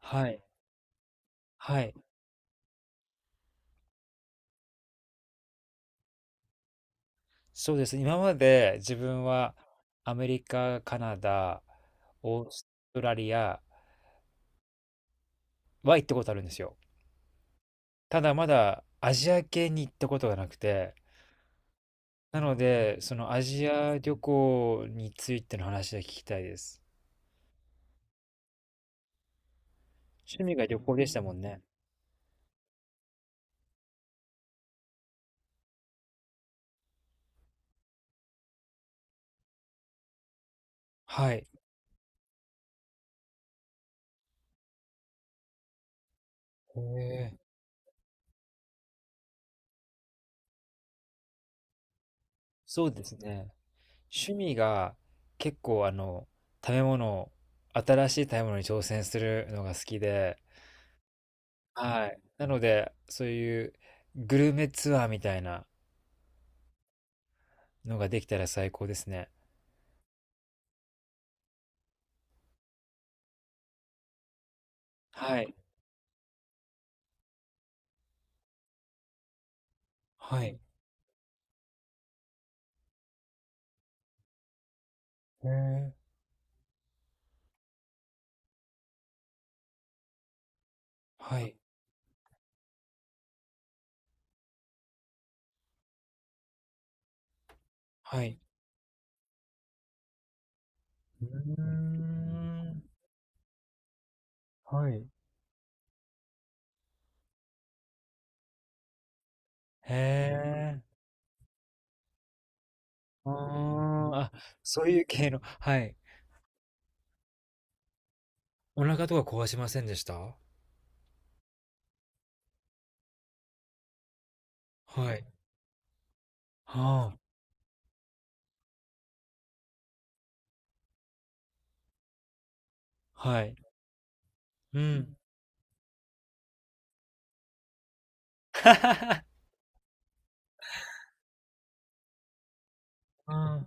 はい。はい。そうですね。今まで自分はアメリカ、カナダ、オーストラリアは行ったことあるんですよ。ただまだアジア系に行ったことがなくて、なので、そのアジア旅行についての話が聞きたいです。趣味が旅行でしたもんね。はい。へえ。そうですね。趣味が結構食べ物、新しい食べ物に挑戦するのが好きで、はい。なので、そういうグルメツアーみたいなのができたら最高ですね。はい。はい。へえ。はい。はい。うーん。はい。へえ。うーん。あ、そういう系の、はい。お腹とか壊しませんでした？はい。はあ。はい。うん。うん。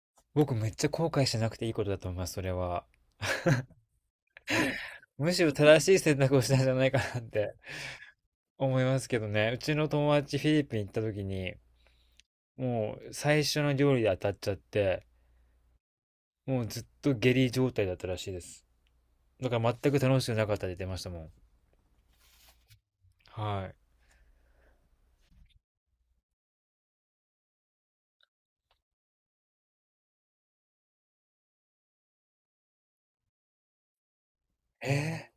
僕めっちゃ後悔しなくていいことだと思います、それは。むしろ正しい選択をしたんじゃないかなって。思いますけどね。うちの友達フィリピン行った時に、もう最初の料理で当たっちゃって、もうずっと下痢状態だったらしいです。だから全く楽しくなかったって言ってましたもん。はい。え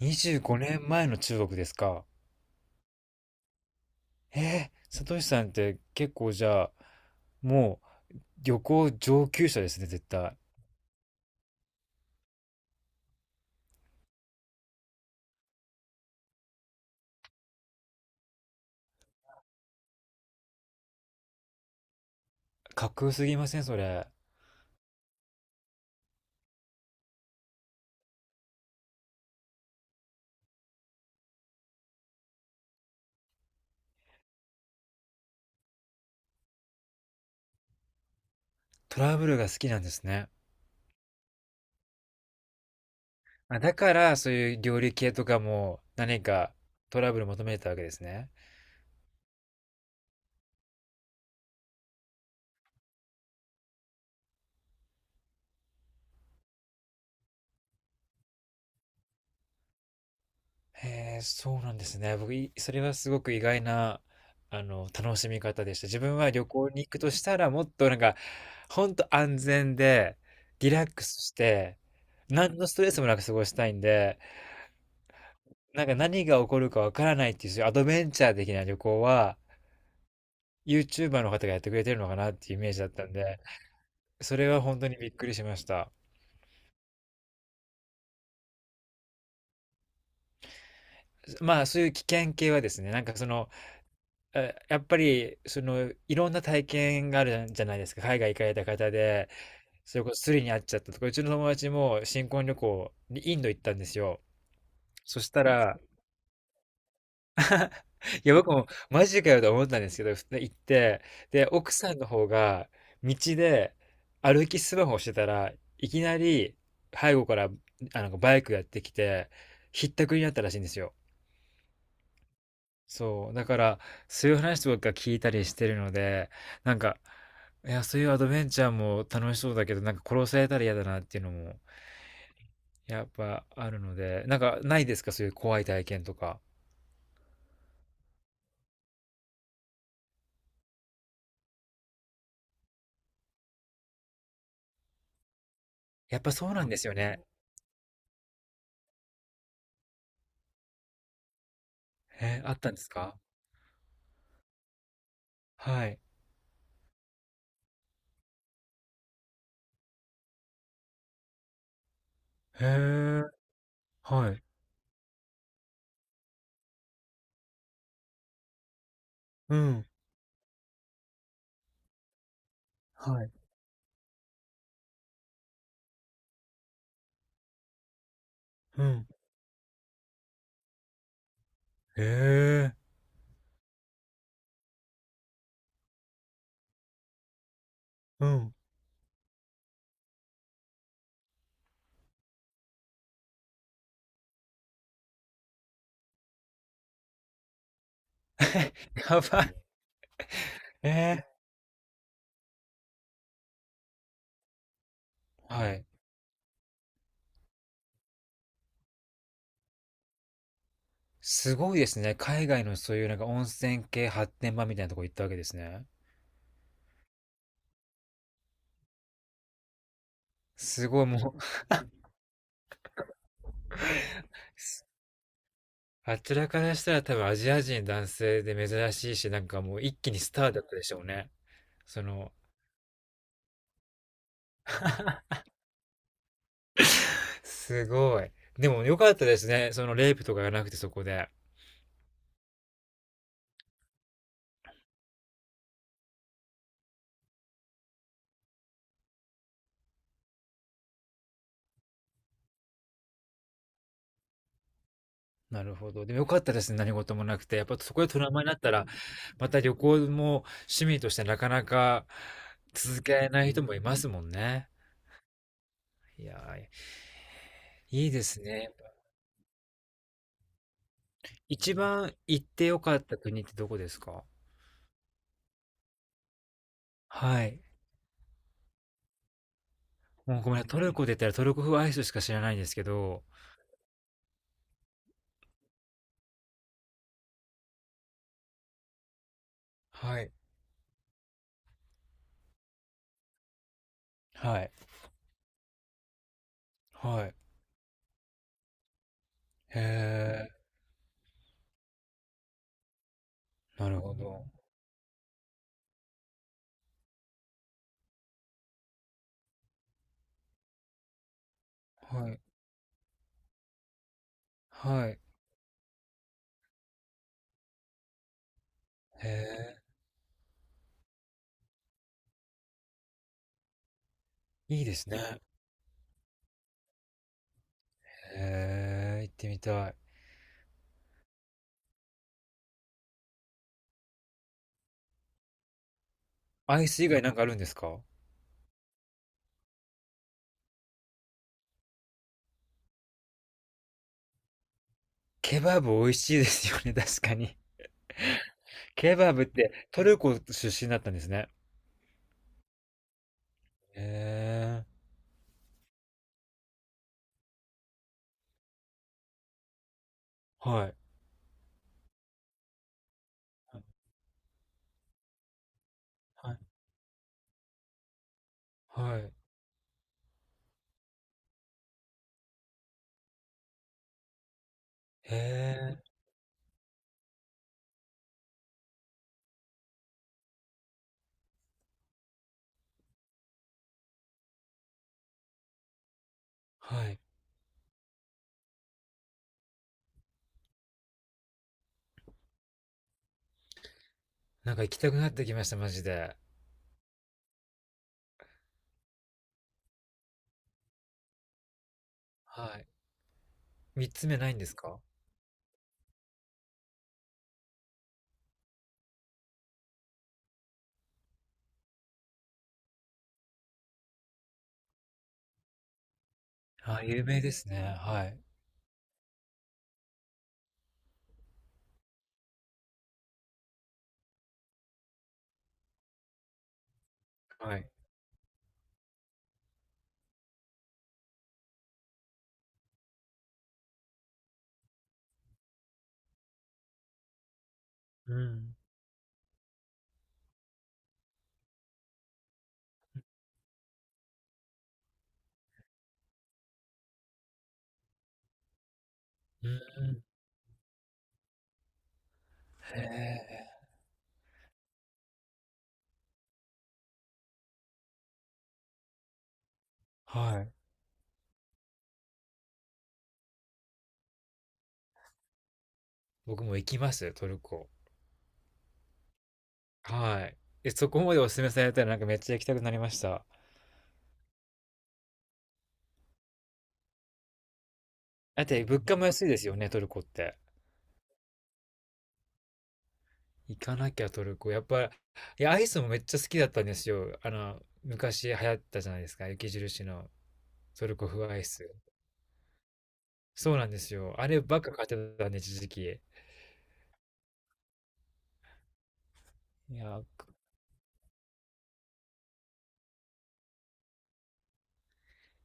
25年前の中国ですか？えー、サトシさんって結構じゃあ、もう旅行上級者ですね、絶対。かっこよすぎません、それ？トラブルが好きなんですね。あ、だからそういう料理系とかも何かトラブル求めてたわけですね。へえ、そうなんですね。僕、それはすごく意外な、楽しみ方でした。自分は旅行に行くとしたら、もっとなんか、ほんと安全で、リラックスして、何のストレスもなく過ごしたいんで、なんか何が起こるかわからないっていう、そういうアドベンチャー的な旅行は、YouTuber の方がやってくれてるのかなっていうイメージだったんで、それは本当にびっくりしました。まあ、そういう危険系はですね、なんかその、やっぱり、その、いろんな体験があるじゃないですか。海外行かれた方で、それこそスリに会っちゃったとか、うちの友達も新婚旅行にインド行ったんですよ。そしたら、いや、僕もマジかよと思ったんですけど、普通に行って、で、奥さんの方が道で歩きスマホをしてたらいきなり背後からあのバイクやってきて、ひったくりになったらしいんですよ。そう、だから、そういう話とか聞いたりしてるので、なんか、いや、そういうアドベンチャーも楽しそうだけど、なんか殺されたら嫌だなっていうのも、やっぱあるので、なんかないですかそういう怖い体験とか？やっぱそうなんですよね。え、あったんですか？はい。へえ、はい。うん。はい。うん。へえ、うん。やばい。えーはい。すごいですね。海外のそういうなんか温泉系発展場みたいなとこ行ったわけですね。すごいもう、あちらからしたら多分アジア人男性で珍しいし、なんかもう一気にスターだったでしょうね。その、すごい。でも良かったですね。そのレイプとかがなくてそこで。なるほど。でも良かったですね。何事もなくて。やっぱそこでトラウマになったら、また旅行も趣味としてなかなか続けられない人もいますもんね。いやー、いいですね。一番行って良かった国ってどこですか？はい。もうごめんなさい、トルコで言ったらトルコ風アイスしか知らないんですけど、はい。はい。はい。へえ、なるなるほど。はい。はい。へえ、いいですね。へえ、行ってみたい。アイス以外なんかあるんですか？ケバブ美味しいですよね、確かに。ケバブってトルコ出身だったんですね。へえ、はい。はい。はい。へえ、はい。なんか行きたくなってきました、マジで。はい。三つ目ないんですか？あ、有名ですね。はい。はい。うん。うん。へえ、はい。僕も行きますよ、トルコ。はい。え、そこまでお勧めされたらなんかめっちゃ行きたくなりました。だって物価も安いですよね、トルコって。行かなきゃトルコ。やっぱ、いや、アイスもめっちゃ好きだったんですよ。昔流行ったじゃないですか、雪印のトルコ風アイス。そうなんですよ。あればっか買ってたんで、一時期。いや、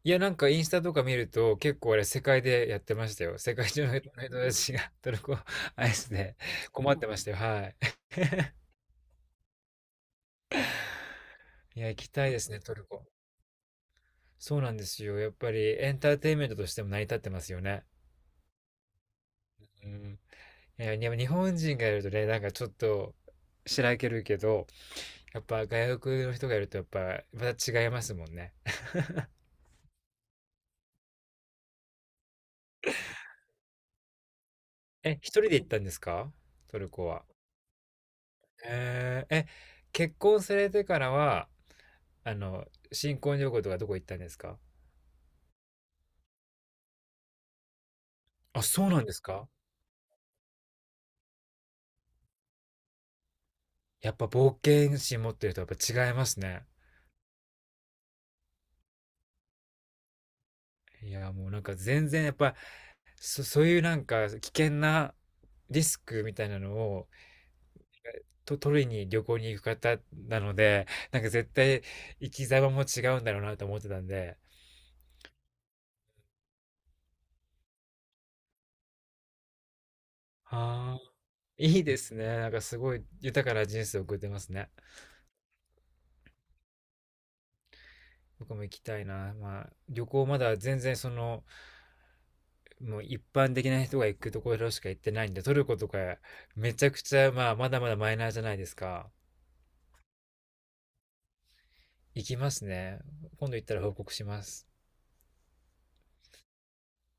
いや、なんかインスタとか見ると結構あれ世界でやってましたよ。世界中の人たちがトルコアイスで困ってましたよ。はい。いや、行きたいですね、トルコ。そうなんですよ。やっぱりエンターテインメントとしても成り立ってますよね。うん。いや、でも日本人がいるとね、なんかちょっとしらけるけど、やっぱ外国の人がいるとやっぱまた違いますもんね。え、一人で行ったんですか？トルコは。えー、え、結婚されてからは、あの、新婚旅行とかどこ行ったんですか？あ、そうなんですか？やっぱ冒険心持ってるとやっぱ違いますね。いや、もうなんか全然やっぱ、そういうなんか危険なリスクみたいなのをと取りに旅行に行く方なので、なんか絶対生き様も違うんだろうなと思ってたんで、ああ、いいですね。なんかすごい豊かな人生を送ってますね。僕も行きたいな。まあ、旅行まだ全然その、もう一般的な人が行くところしか行ってないんで、トルコとかめちゃくちゃ、まあ、まだまだマイナーじゃないですか。行きますね。今度行ったら報告します。